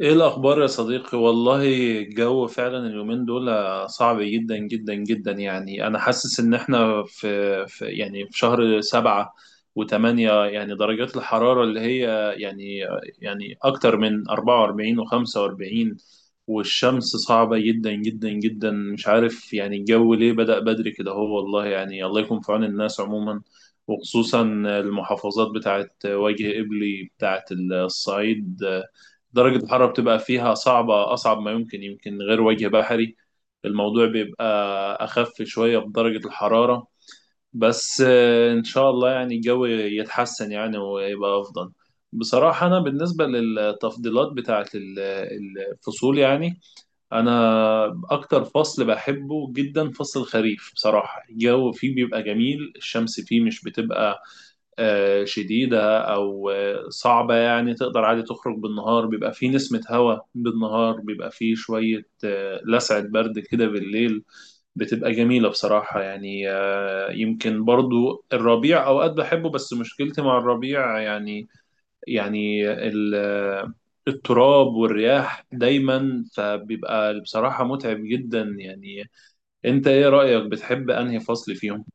ايه الاخبار يا صديقي، والله الجو فعلا اليومين دول صعب جدا جدا جدا. يعني انا حاسس ان احنا في يعني في شهر سبعة وثمانية، يعني درجات الحرارة اللي هي يعني اكتر من 44 و45، والشمس صعبة جدا جدا جدا. مش عارف يعني الجو ليه بدأ بدري كده، هو والله يعني الله يكون في عون الناس عموما، وخصوصا المحافظات بتاعت وجه قبلي بتاعت الصعيد، درجة الحرارة بتبقى فيها صعبة أصعب ما يمكن. يمكن غير وجه بحري الموضوع بيبقى أخف شوية بدرجة الحرارة. بس آه، إن شاء الله يعني الجو يتحسن يعني ويبقى أفضل. بصراحة أنا بالنسبة للتفضيلات بتاعة الفصول يعني، أنا أكتر فصل بحبه جدا فصل الخريف. بصراحة الجو فيه بيبقى جميل، الشمس فيه مش بتبقى شديدة أو صعبة، يعني تقدر عادي تخرج بالنهار، بيبقى فيه نسمة هواء بالنهار، بيبقى فيه شوية لسعة برد كده بالليل بتبقى جميلة بصراحة. يعني آه، يمكن برضو الربيع أوقات بحبه، بس مشكلتي مع الربيع يعني، يعني التراب والرياح دايما، فبيبقى بصراحة متعب جدا يعني. أنت إيه رأيك بتحب أنهي فصل فيهم؟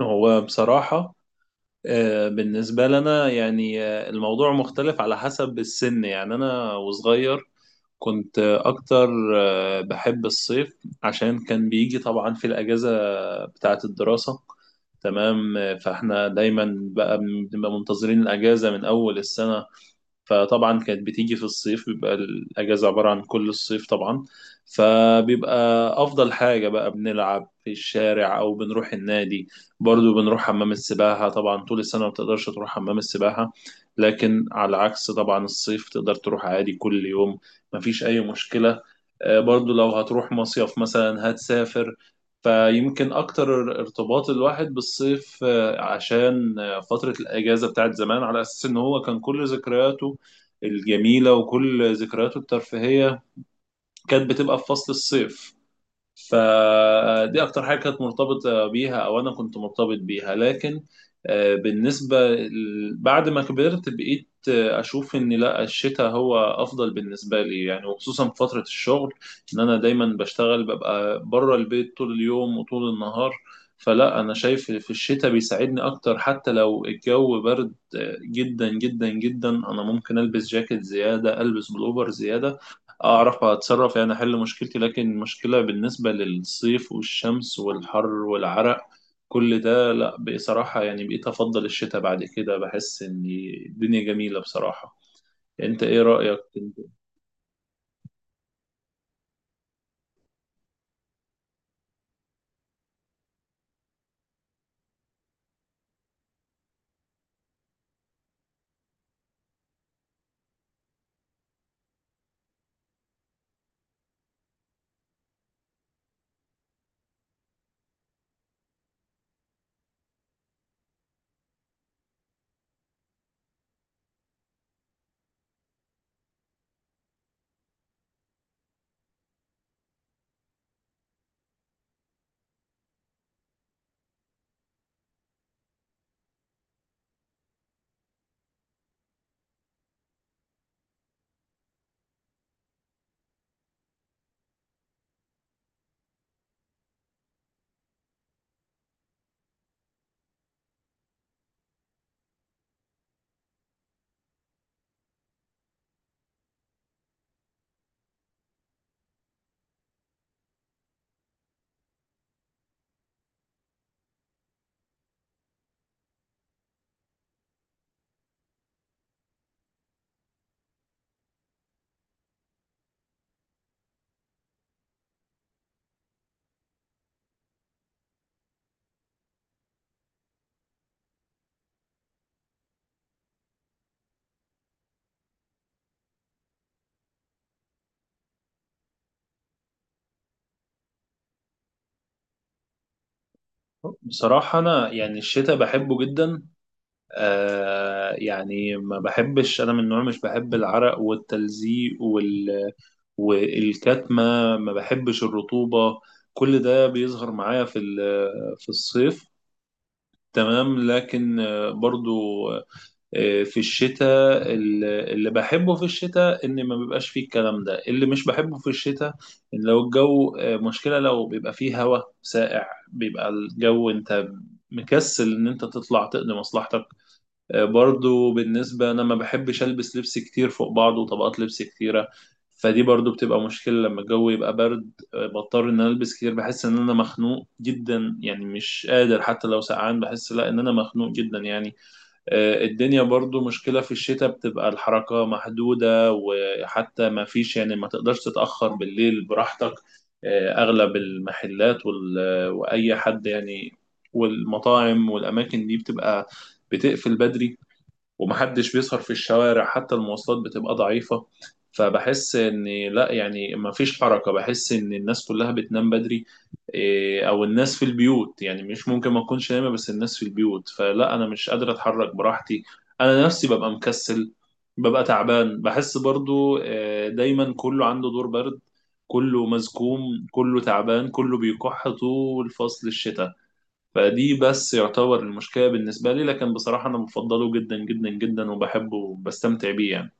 هو بصراحة آه، بالنسبة لنا يعني آه، الموضوع مختلف على حسب السن. يعني أنا وصغير كنت أكتر بحب الصيف، عشان كان بيجي طبعا في الأجازة بتاعة الدراسة. تمام آه، فإحنا دايما بقى بنبقى منتظرين الأجازة من أول السنة، فطبعا كانت بتيجي في الصيف، بيبقى الأجازة عبارة عن كل الصيف طبعا. فبيبقى أفضل حاجة بقى بنلعب في الشارع أو بنروح النادي، برضو بنروح حمام السباحة. طبعا طول السنة ما بتقدرش تروح حمام السباحة، لكن على عكس طبعا الصيف تقدر تروح عادي كل يوم، مفيش أي مشكلة. آه، برضو لو هتروح مصيف مثلا هتسافر، فيمكن أكتر ارتباط الواحد بالصيف آه، عشان آه، فترة الأجازة بتاعت زمان، على أساس إن هو كان كل ذكرياته الجميلة وكل ذكرياته الترفيهية كانت بتبقى في فصل الصيف. فدي اكتر حاجه كانت مرتبطه بيها، او انا كنت مرتبط بيها. لكن آه، بعد ما كبرت بقيت اشوف ان لا، الشتاء هو افضل بالنسبه لي يعني، وخصوصا في فتره الشغل ان انا دايما بشتغل ببقى بره البيت طول اليوم وطول النهار. فلا انا شايف في الشتاء بيساعدني اكتر، حتى لو الجو برد آه، جدا جدا جدا، انا ممكن البس جاكيت زياده، البس بلوفر زياده، اعرف اتصرف يعني، احل مشكلتي. لكن المشكله بالنسبه للصيف والشمس والحر والعرق كل ده لا، بصراحه يعني بقيت افضل الشتاء بعد كده، بحس ان الدنيا جميله بصراحه. انت ايه رايك انت؟ بصراحة أنا يعني الشتاء بحبه جدا. آه يعني ما بحبش، أنا من النوع مش بحب العرق والتلزيق وال والكتمة، ما بحبش الرطوبة، كل ده بيظهر معايا في في الصيف. تمام لكن آه، برضو آه، في الشتاء اللي بحبه في الشتاء ان ما بيبقاش فيه الكلام ده. اللي مش بحبه في الشتاء ان لو الجو آه، مشكلة لو بيبقى فيه هواء ساقع، بيبقى الجو انت مكسل ان انت تطلع تقضي مصلحتك. آه، برضو بالنسبة أنا ما بحبش ألبس لبس كتير فوق بعضه وطبقات لبس كتيرة، فدي برضو بتبقى مشكلة لما الجو يبقى برد. آه، بضطر إن أنا ألبس كتير، بحس إن أنا مخنوق جدا يعني، مش قادر، حتى لو سقعان بحس لا إن أنا مخنوق جدا يعني. آه، الدنيا برضو مشكلة في الشتاء، بتبقى الحركة محدودة، وحتى ما فيش يعني ما تقدرش تتأخر بالليل براحتك. آه، أغلب المحلات وأي حد يعني، والمطاعم والأماكن دي بتبقى بتقفل بدري، ومحدش بيسهر في الشوارع، حتى المواصلات بتبقى ضعيفة. فبحس ان لا يعني مفيش حركة، بحس ان الناس كلها بتنام بدري. إيه، او الناس في البيوت يعني، مش ممكن ما اكونش نايمة بس الناس في البيوت، فلا انا مش قادر اتحرك براحتي. انا نفسي ببقى مكسل، ببقى تعبان، بحس برضو آه، دايما كله عنده دور برد، كله مزكوم، كله تعبان، كله بيكح طول فصل الشتاء. فدي بس يعتبر المشكلة بالنسبة لي، لكن بصراحة أنا بفضله جدا جدا جدا وبحبه وبستمتع بيه يعني.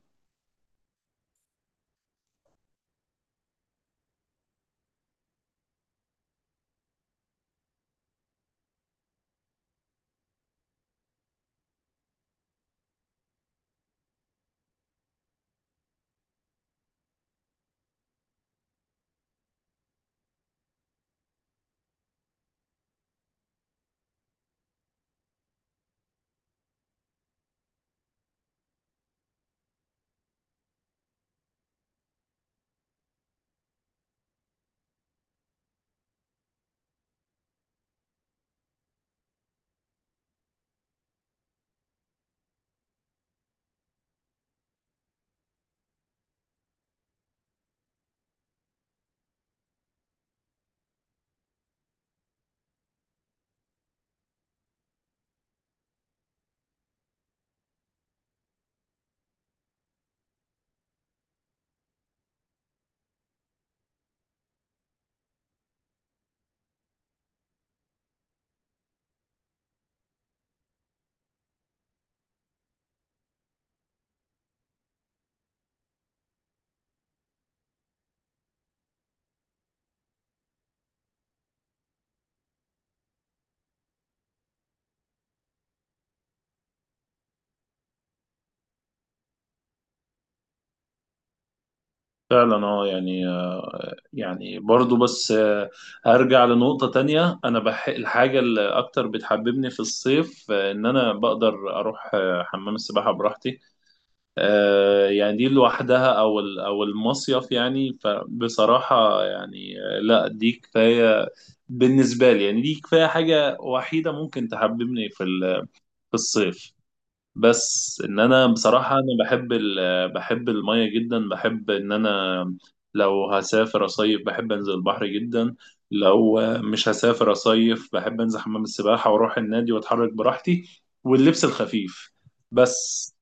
فعلا اه يعني آه، يعني برضو بس آه، هرجع لنقطة تانية. أنا بح الحاجة اللي أكتر بتحببني في الصيف آه، إن أنا بقدر أروح آه، حمام السباحة براحتي. آه، يعني دي لوحدها أو أو المصيف يعني، فبصراحة يعني آه، لا دي كفاية بالنسبة لي يعني، دي كفاية حاجة وحيدة ممكن تحببني في في الصيف. بس ان انا بصراحه انا بحب ال... بحب الميه جدا، بحب ان انا لو هسافر اصيف بحب انزل البحر جدا، لو مش هسافر اصيف بحب انزل حمام السباحه واروح النادي واتحرك براحتي واللبس الخفيف بس